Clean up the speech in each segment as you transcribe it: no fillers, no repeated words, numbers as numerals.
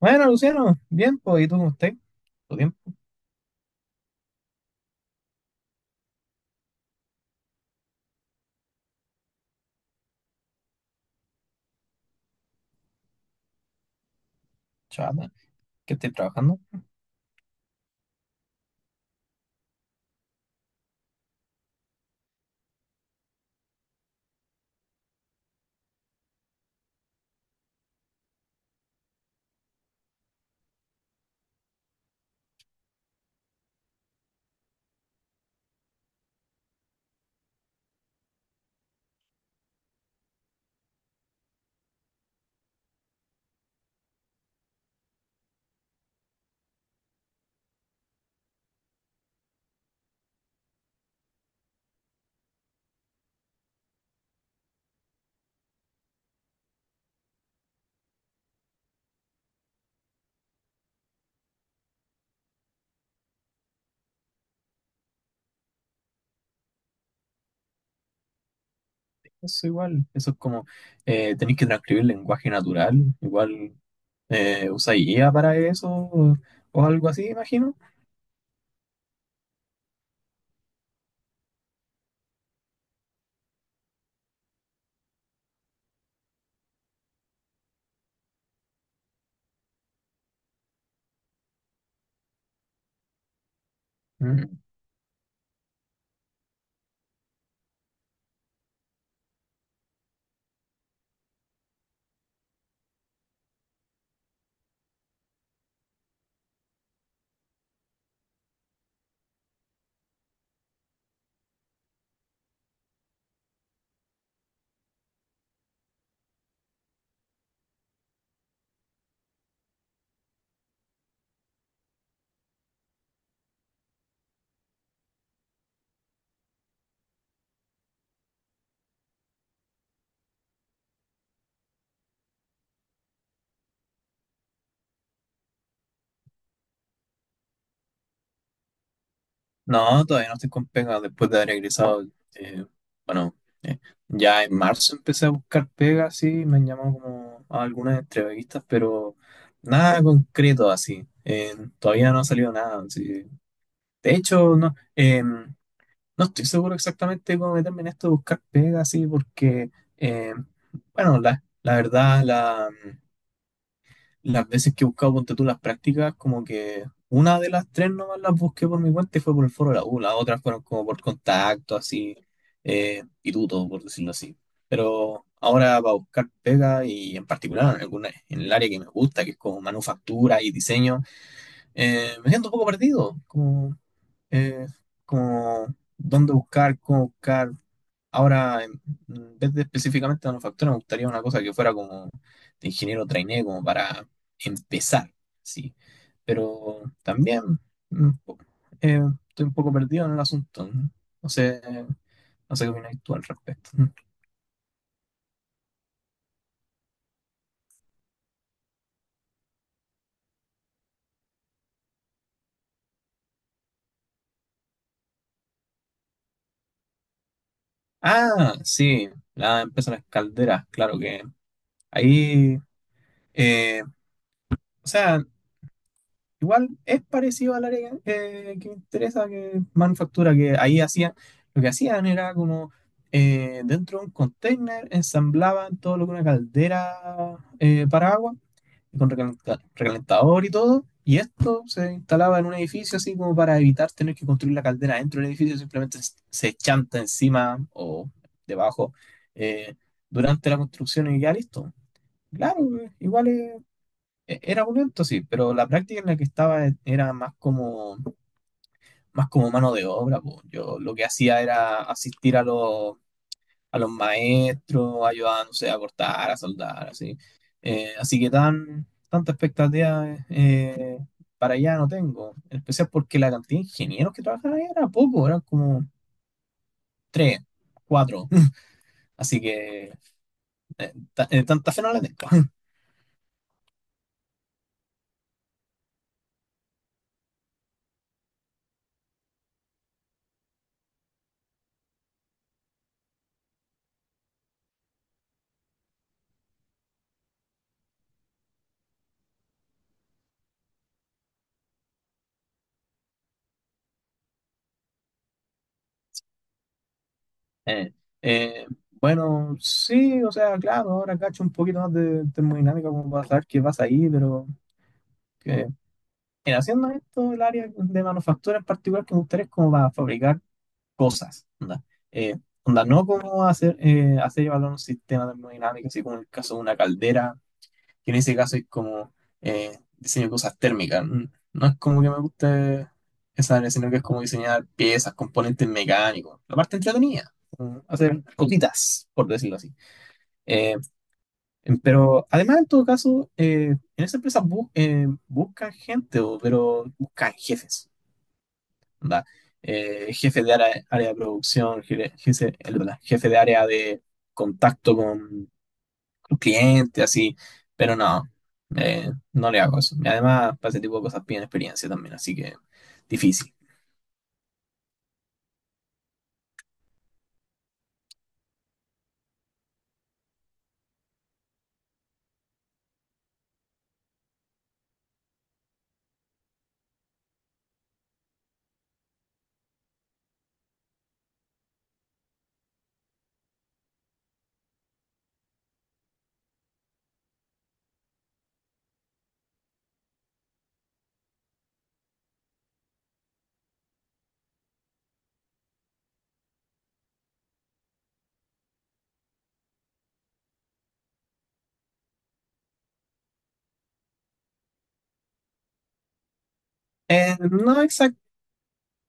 Bueno, Luciano, bien, pues, ¿y tú cómo estás? ¿Todo bien? Chaval, ¿qué estáis trabajando? Eso igual, eso es como, tenéis que transcribir lenguaje natural, igual usáis IA para eso o algo así, imagino. Mm. No, todavía no estoy con pega después de haber egresado. eh, bueno, eh, ya en marzo empecé a buscar pega, sí, me han llamado como a algunas entrevistas, pero nada concreto así. Todavía no ha salido nada. Sí. De hecho, no. No estoy seguro exactamente cómo meterme en esto de buscar pega, así, porque, eh, bueno, la verdad, las veces que he buscado, ponte tú, las prácticas, como que una de las tres nomás las busqué por mi cuenta y fue por el foro de la U, las otras fueron como por contacto, así, pituto, por decirlo así. Pero ahora para buscar pega y en particular en el área que me gusta, que es como manufactura y diseño, me siento un poco perdido, eh, como dónde buscar, cómo buscar. Ahora, en vez de específicamente manufactura, me gustaría una cosa que fuera como de ingeniero trainee, como para empezar, sí. Pero también mm, po- eh, estoy un poco perdido en el asunto. No No sé, no sé qué opinas tú al respecto. Ah, sí, la empresa de las calderas, claro que ahí, eh, o sea, igual es parecido al área que me interesa, que es manufactura, que ahí hacían, lo que hacían era como dentro de un container ensamblaban todo lo que una caldera para agua, con recalentador y todo, y esto se instalaba en un edificio así como para evitar tener que construir la caldera dentro del edificio, simplemente se chanta encima o debajo eh, durante la construcción y ya listo. Claro, igual es era un evento, sí, pero la práctica en la que estaba más como mano de obra. Po. Yo lo que hacía era asistir a a los maestros, ayudar, no sé, a cortar, a soldar, así. Así que tanta expectativa para allá no tengo. En especial porque la cantidad de ingenieros que trabajaban ahí era poco, eran como tres, cuatro. Así que tanta fe no la tengo. Eh, eh, bueno, sí, o sea, claro, ahora cacho un poquito más de termodinámica como para saber qué pasa ahí, pero que, en haciendo esto, el área de manufactura en particular que me gustaría es como para fabricar cosas, onda, Eh, onda, no como hacer y evaluar un sistema termodinámico, así como en el caso de una caldera, que en ese caso es como diseño de cosas térmicas. No es como que me guste esa área, sino que es como diseñar piezas, componentes mecánicos, la parte entretenida, como hacer cositas, por decirlo así. Eh, pero además, en todo caso, en esa empresa buscan gente, pero buscan jefes, ¿verdad? Jefe de área, área de producción, jefe de área de contacto un cliente, así, pero no, no le hago eso. Y además, para ese tipo de cosas piden experiencia también, así que difícil. Eh, no exact-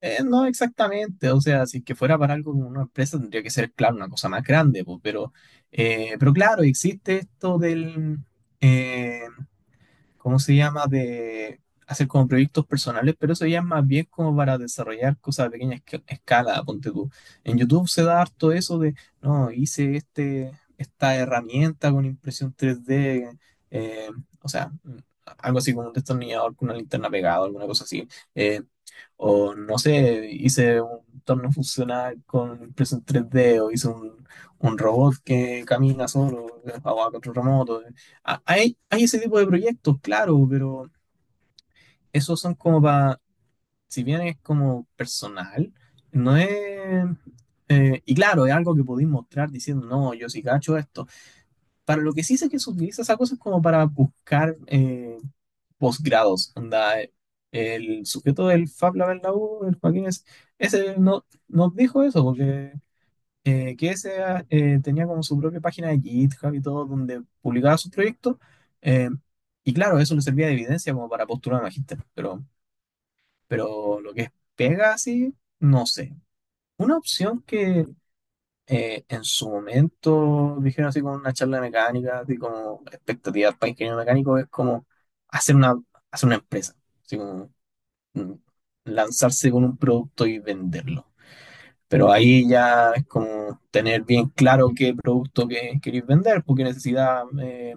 no exactamente, o sea, si es que fuera para algo como una empresa tendría que ser, claro, una cosa más grande, po, pero claro, existe esto del, eh, ¿cómo se llama? De hacer como proyectos personales, pero eso ya es más bien como para desarrollar cosas a pequeña escala, ponte tú. En YouTube se da harto eso de, no, esta herramienta con impresión 3D, eh, o sea, mm, algo así como un destornillador con una linterna pegada, alguna cosa así. Eh, o no sé, hice un torno funcional con impresión 3D, o un robot que camina solo, o a control remoto. Ah, hay ese tipo de proyectos, claro, pero esos son como para, si bien es como personal, no es... y claro, es algo que podéis mostrar diciendo, no, yo sí cacho esto. Para lo que sí sé que se utiliza esa cosa es como para buscar posgrados. Onda, el sujeto del Fab Lab en la U, el Joaquín, ese no, nos dijo eso, porque que ese tenía como su propia página de GitHub y todo, donde publicaba sus proyectos. eh, y claro, eso le servía de evidencia como para postular a magíster, pero lo que es pega así, no sé. Una opción que en su momento dijeron así con una charla de mecánica, así como expectativas para ingeniero mecánico, es como hacer una, hacer una empresa, mm, lanzarse con un producto y venderlo. Pero ahí ya es como tener bien claro qué producto que queréis vender, porque necesidad, eh,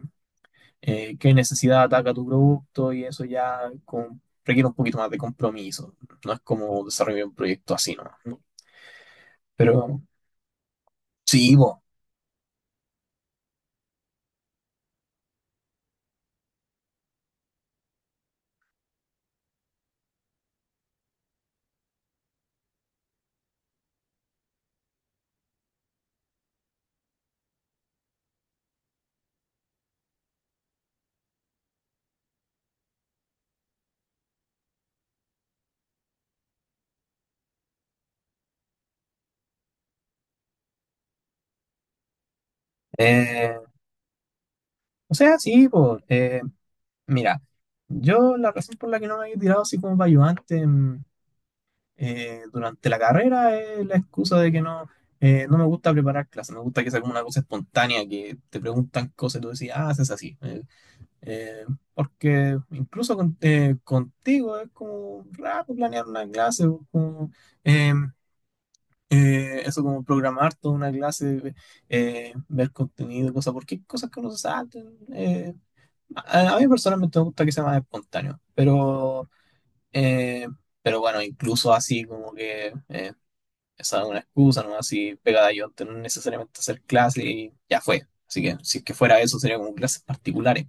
eh, qué necesidad ataca tu producto y eso ya requiere un poquito más de compromiso. No es como desarrollar un proyecto así, ¿no? Pero sí, po. Eh, o sea, sí, po. Mira, yo la razón por la que no me había tirado así como para ayudante, durante la carrera es la excusa de que no, no me gusta preparar clases, me gusta que sea como una cosa espontánea, que te preguntan cosas y tú decís, ah, haces así. Eh, Porque incluso contigo es como raro planear una clase, o como, eh, eso como programar toda una clase, ver contenido, cosas, porque hay cosas que no se saltan. A mí personalmente me gusta que sea más espontáneo, eh, pero bueno, incluso así como que esa es una excusa, ¿no? Así pegada yo, no necesariamente hacer clase y ya fue. Así que si es que fuera eso, sería como clases particulares.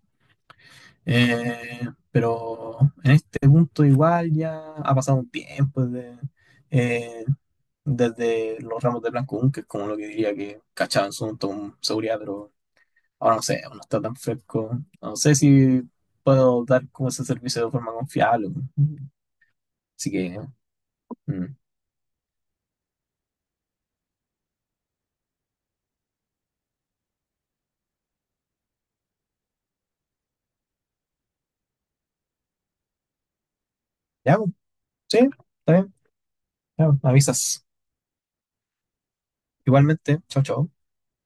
Eh, pero en este punto igual ya ha pasado un tiempo desde, eh, desde los ramos de Blanco 1, que es como lo que diría que cachaba en su momento con seguridad, pero ahora no sé, no está tan fresco. No sé si puedo dar como ese servicio de forma confiable. Así que, mm, ya, pues, sí, está bien, ya, pues, me avisas. Igualmente, chao, chao.